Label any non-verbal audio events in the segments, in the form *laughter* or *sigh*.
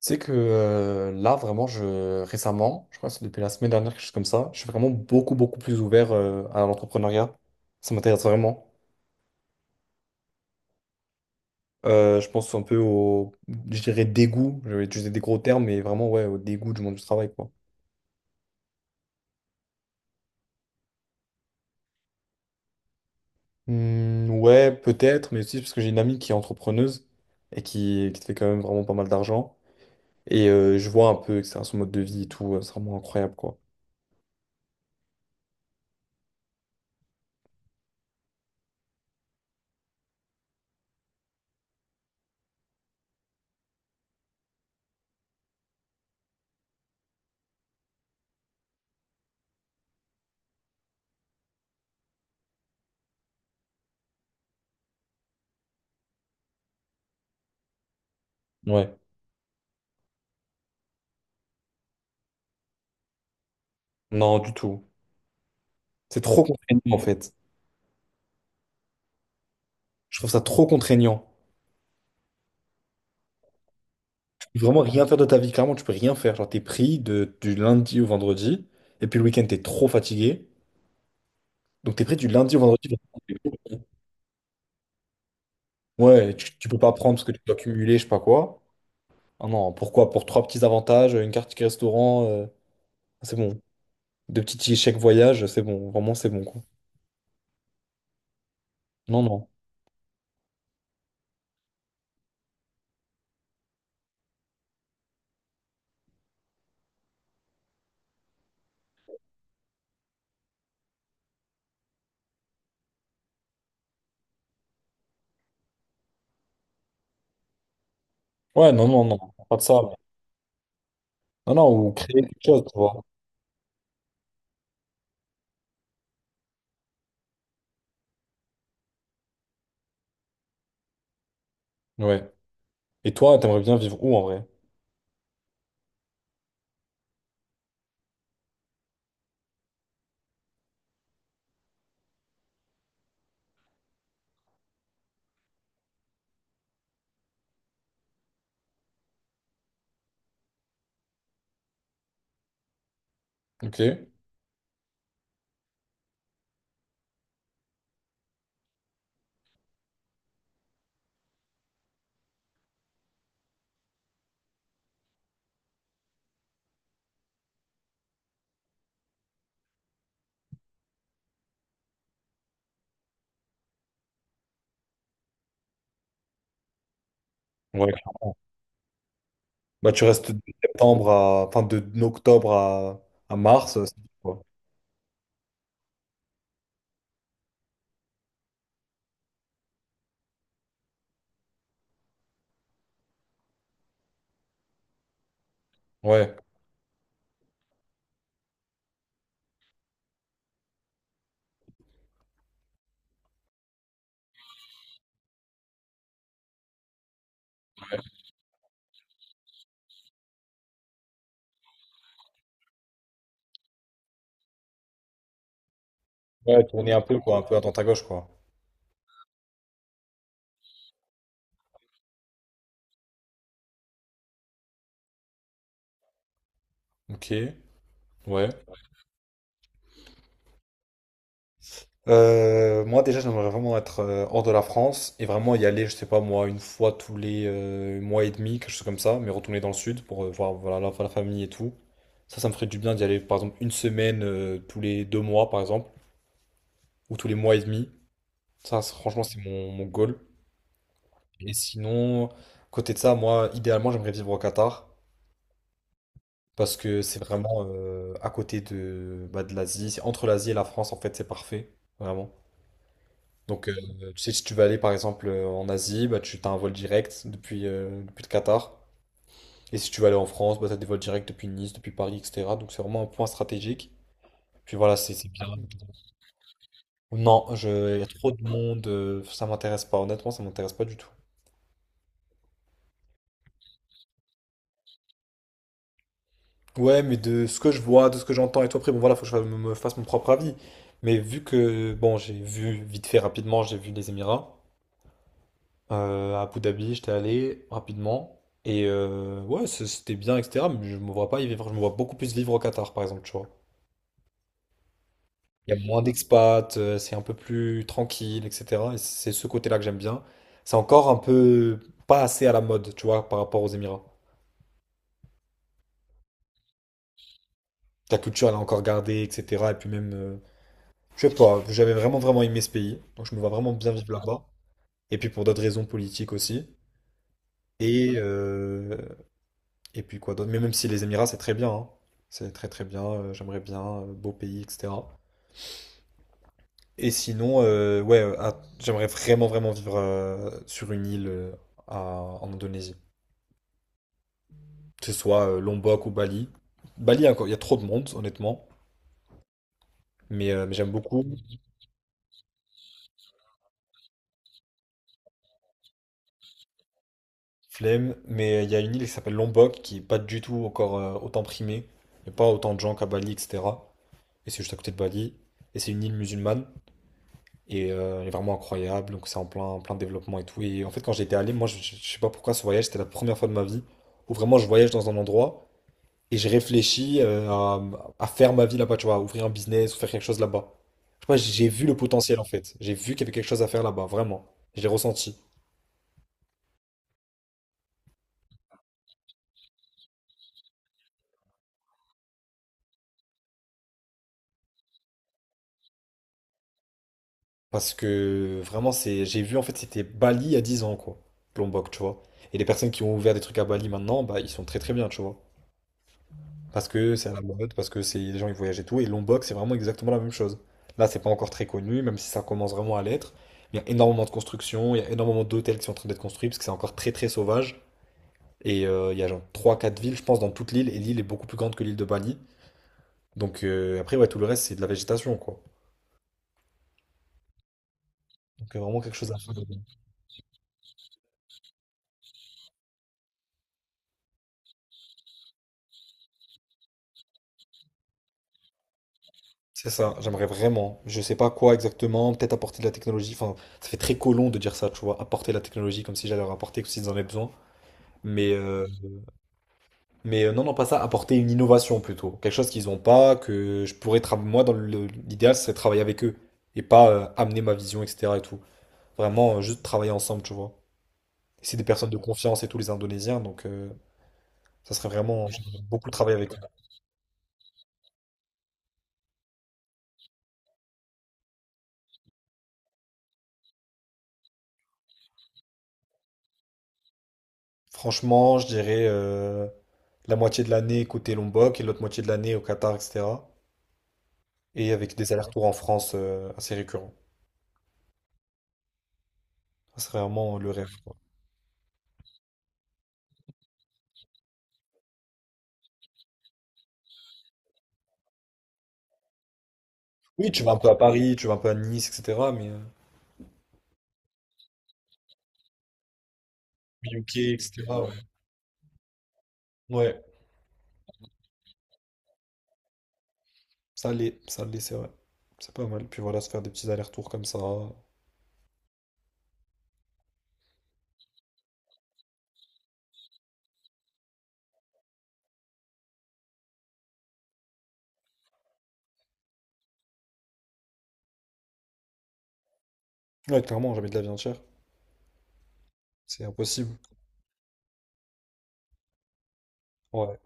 C'est que là, vraiment, je récemment, je crois que c'est depuis la semaine dernière, quelque chose comme ça, je suis vraiment beaucoup plus ouvert à l'entrepreneuriat. Ça m'intéresse vraiment. Je pense un peu je dirais, dégoût. Je vais utiliser des gros termes, mais vraiment, ouais, au dégoût du monde du travail, quoi. Ouais, peut-être, mais aussi parce que j'ai une amie qui est entrepreneuse et qui fait quand même vraiment pas mal d'argent. Et je vois un peu, etc., son mode de vie et tout, c'est vraiment incroyable, quoi. Ouais. Non, du tout. C'est trop contraignant, en fait. Je trouve ça trop contraignant. Vraiment rien faire de ta vie, clairement, tu peux rien faire. Genre, t'es pris du lundi au vendredi, et puis le week-end, t'es trop fatigué. Donc, t'es pris du lundi au vendredi. *laughs* Ouais, tu peux pas prendre parce que tu dois cumuler, je sais pas quoi. Ah non, pourquoi? Pour trois petits avantages, une carte ticket restaurant, c'est bon. Deux petits tickets chèque voyage, c'est bon. Vraiment, c'est bon, quoi. Non, non. Ouais, non, non, non. Pas de ça. Non, non, ou créer quelque chose, tu vois. Ouais. Et toi, t'aimerais bien vivre où en vrai? Ok. Ouais. Clairement. Bah, tu restes de septembre à, enfin, de octobre à mars, c'est tout, quoi. Ouais. Ouais, tourner un peu, quoi, un peu à droite à gauche, quoi. Ok, ouais. Moi, déjà, j'aimerais vraiment être hors de la France et vraiment y aller, je sais pas moi, une fois tous les mois et demi, quelque chose comme ça, mais retourner dans le sud pour voir voilà, la famille et tout. Ça me ferait du bien d'y aller, par exemple, une semaine tous les deux mois, par exemple, ou tous les mois et demi. Ça, franchement, c'est mon goal. Et sinon, à côté de ça, moi, idéalement, j'aimerais vivre au Qatar. Parce que c'est vraiment à côté de, bah, de l'Asie. C'est entre l'Asie et la France, en fait, c'est parfait. Vraiment. Donc, tu sais, si tu veux aller, par exemple, en Asie, bah, tu as un vol direct depuis le Qatar. Et si tu veux aller en France, bah, tu as des vols directs depuis Nice, depuis Paris, etc. Donc, c'est vraiment un point stratégique. Puis voilà, c'est bien. Non, je... il y a trop de monde. Ça m'intéresse pas. Honnêtement, ça m'intéresse pas du tout. Ouais, mais de ce que je vois, de ce que j'entends et tout, après, bon, voilà, faut que je me fasse mon propre avis. Mais vu que, bon, j'ai vu vite fait rapidement, j'ai vu les Émirats. À Abu Dhabi, j'étais allé rapidement. Et ouais, c'était bien, etc. Mais je me vois pas y vivre. Je me vois beaucoup plus vivre au Qatar, par exemple, tu vois. Il y a moins d'expats, c'est un peu plus tranquille, etc. Et c'est ce côté-là que j'aime bien. C'est encore un peu pas assez à la mode, tu vois, par rapport aux Émirats. La culture, elle est encore gardée, etc. Et puis même, je sais pas, j'avais vraiment, vraiment aimé ce pays. Donc je me vois vraiment bien vivre là-bas. Et puis pour d'autres raisons politiques aussi. Et, euh, Et puis quoi d'autre? Mais même si les Émirats, c'est très bien, hein. C'est très très bien. J'aimerais bien. Beau pays, etc. Et sinon, ouais, ah, j'aimerais vraiment vraiment vivre sur une île à- en Indonésie. Que ce soit Lombok ou Bali. Bali, encore, il y a trop de monde, honnêtement. Mais j'aime beaucoup. Flemme. Mais il y a une île qui s'appelle Lombok qui est pas du tout encore autant primée. Il n'y a pas autant de gens qu'à Bali, etc. Et c'est juste à côté de Bali. Et c'est une île musulmane. Et elle est vraiment incroyable, donc c'est en plein développement et tout. Et en fait, quand j'étais allé, moi, sais pas pourquoi ce voyage, c'était la première fois de ma vie où vraiment je voyage dans un endroit et je réfléchis à faire ma vie là-bas, tu vois, à ouvrir un business ou faire quelque chose là-bas. Je sais pas, j'ai vu le potentiel en fait. J'ai vu qu'il y avait quelque chose à faire là-bas, vraiment. Je l'ai ressenti. Parce que vraiment, j'ai vu en fait, c'était Bali il y a 10 ans, quoi. Lombok, tu vois. Et les personnes qui ont ouvert des trucs à Bali maintenant, bah, ils sont très très bien, tu vois. Parce que c'est à la mode, parce que c'est les gens ils voyagent et tout. Et l'onbox, c'est vraiment exactement la même chose. Là, c'est pas encore très connu, même si ça commence vraiment à l'être. Il y a énormément de constructions, il y a énormément d'hôtels qui sont en train d'être construits parce que c'est encore très très sauvage. Et il y a genre 3-4 villes, je pense, dans toute l'île. Et l'île est beaucoup plus grande que l'île de Bali. Donc après, ouais, tout le reste, c'est de la végétation, quoi. Donc vraiment quelque chose à faire. C'est ça, j'aimerais vraiment. Je sais pas quoi exactement, peut-être apporter de la technologie. Enfin, ça fait très colon de dire ça, tu vois, apporter la technologie comme si j'allais leur apporter, comme s'ils en avaient besoin. Mais euh, Mais non, non, pas ça, apporter une innovation plutôt. Quelque chose qu'ils n'ont pas, que je pourrais travailler. Moi, dans l'idéal, c'est travailler avec eux et pas amener ma vision, etc. et tout. Vraiment, juste travailler ensemble, tu vois. Et c'est des personnes de confiance et tous les Indonésiens, donc ça serait vraiment j'aimerais beaucoup travailler avec eux. Franchement, je dirais la moitié de l'année côté Lombok et l'autre moitié de l'année au Qatar, etc. Et avec des allers-retours en France assez récurrents. Ça serait vraiment le rêve, quoi. Oui, tu vas un peu à Paris, tu vas un peu à Nice, etc. Mais UK, etc. Ouais. Ouais. Ça l'est, c'est vrai. C'est pas mal. Puis voilà, se faire des petits allers-retours comme ça. Ouais, clairement, jamais de la viande chère. C'est impossible. Ouais,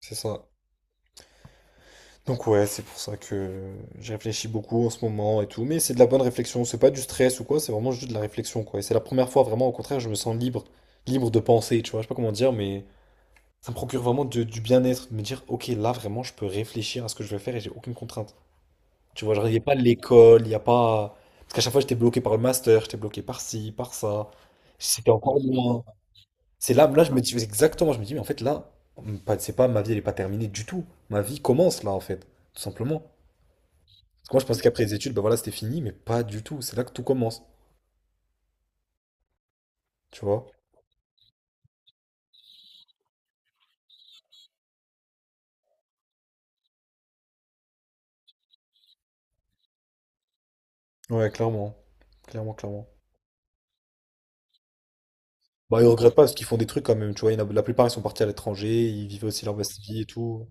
c'est ça. Donc ouais, c'est pour ça que j'ai réfléchi beaucoup en ce moment et tout. Mais c'est de la bonne réflexion. C'est pas du stress ou quoi, c'est vraiment juste de la réflexion, quoi. Et c'est la première fois, vraiment, au contraire, je me sens libre. Libre de penser, tu vois. Je sais pas comment dire, mais ça me procure vraiment du bien-être. De me dire, ok, là, vraiment, je peux réfléchir à ce que je vais faire et j'ai aucune contrainte. Tu vois, genre, il n'y a pas l'école, il n'y a pas. Parce qu'à chaque fois, j'étais bloqué par le master, j'étais bloqué par ci, par ça. C'était encore loin. C'est là, je me dis exactement, je me dis, mais en fait, là, c'est pas ma vie, elle n'est pas terminée du tout. Ma vie commence là, en fait, tout simplement. Parce que moi, je pensais qu'après les études, ben voilà, c'était fini, mais pas du tout. C'est là que tout commence, tu vois. Ouais, clairement, clairement, clairement. Bah, ils regrettent pas parce qu'ils font des trucs quand même, tu vois. Il y en a- la plupart, ils sont partis à l'étranger, ils vivaient aussi leur best vie et tout.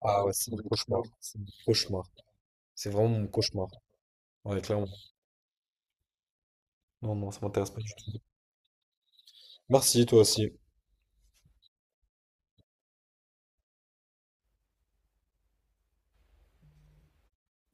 Ah ouais, c'est mon cauchemar. C'est mon cauchemar. C'est vraiment mon cauchemar. Ouais, clairement. Non, non, ça m'intéresse pas du tout. Merci, toi aussi.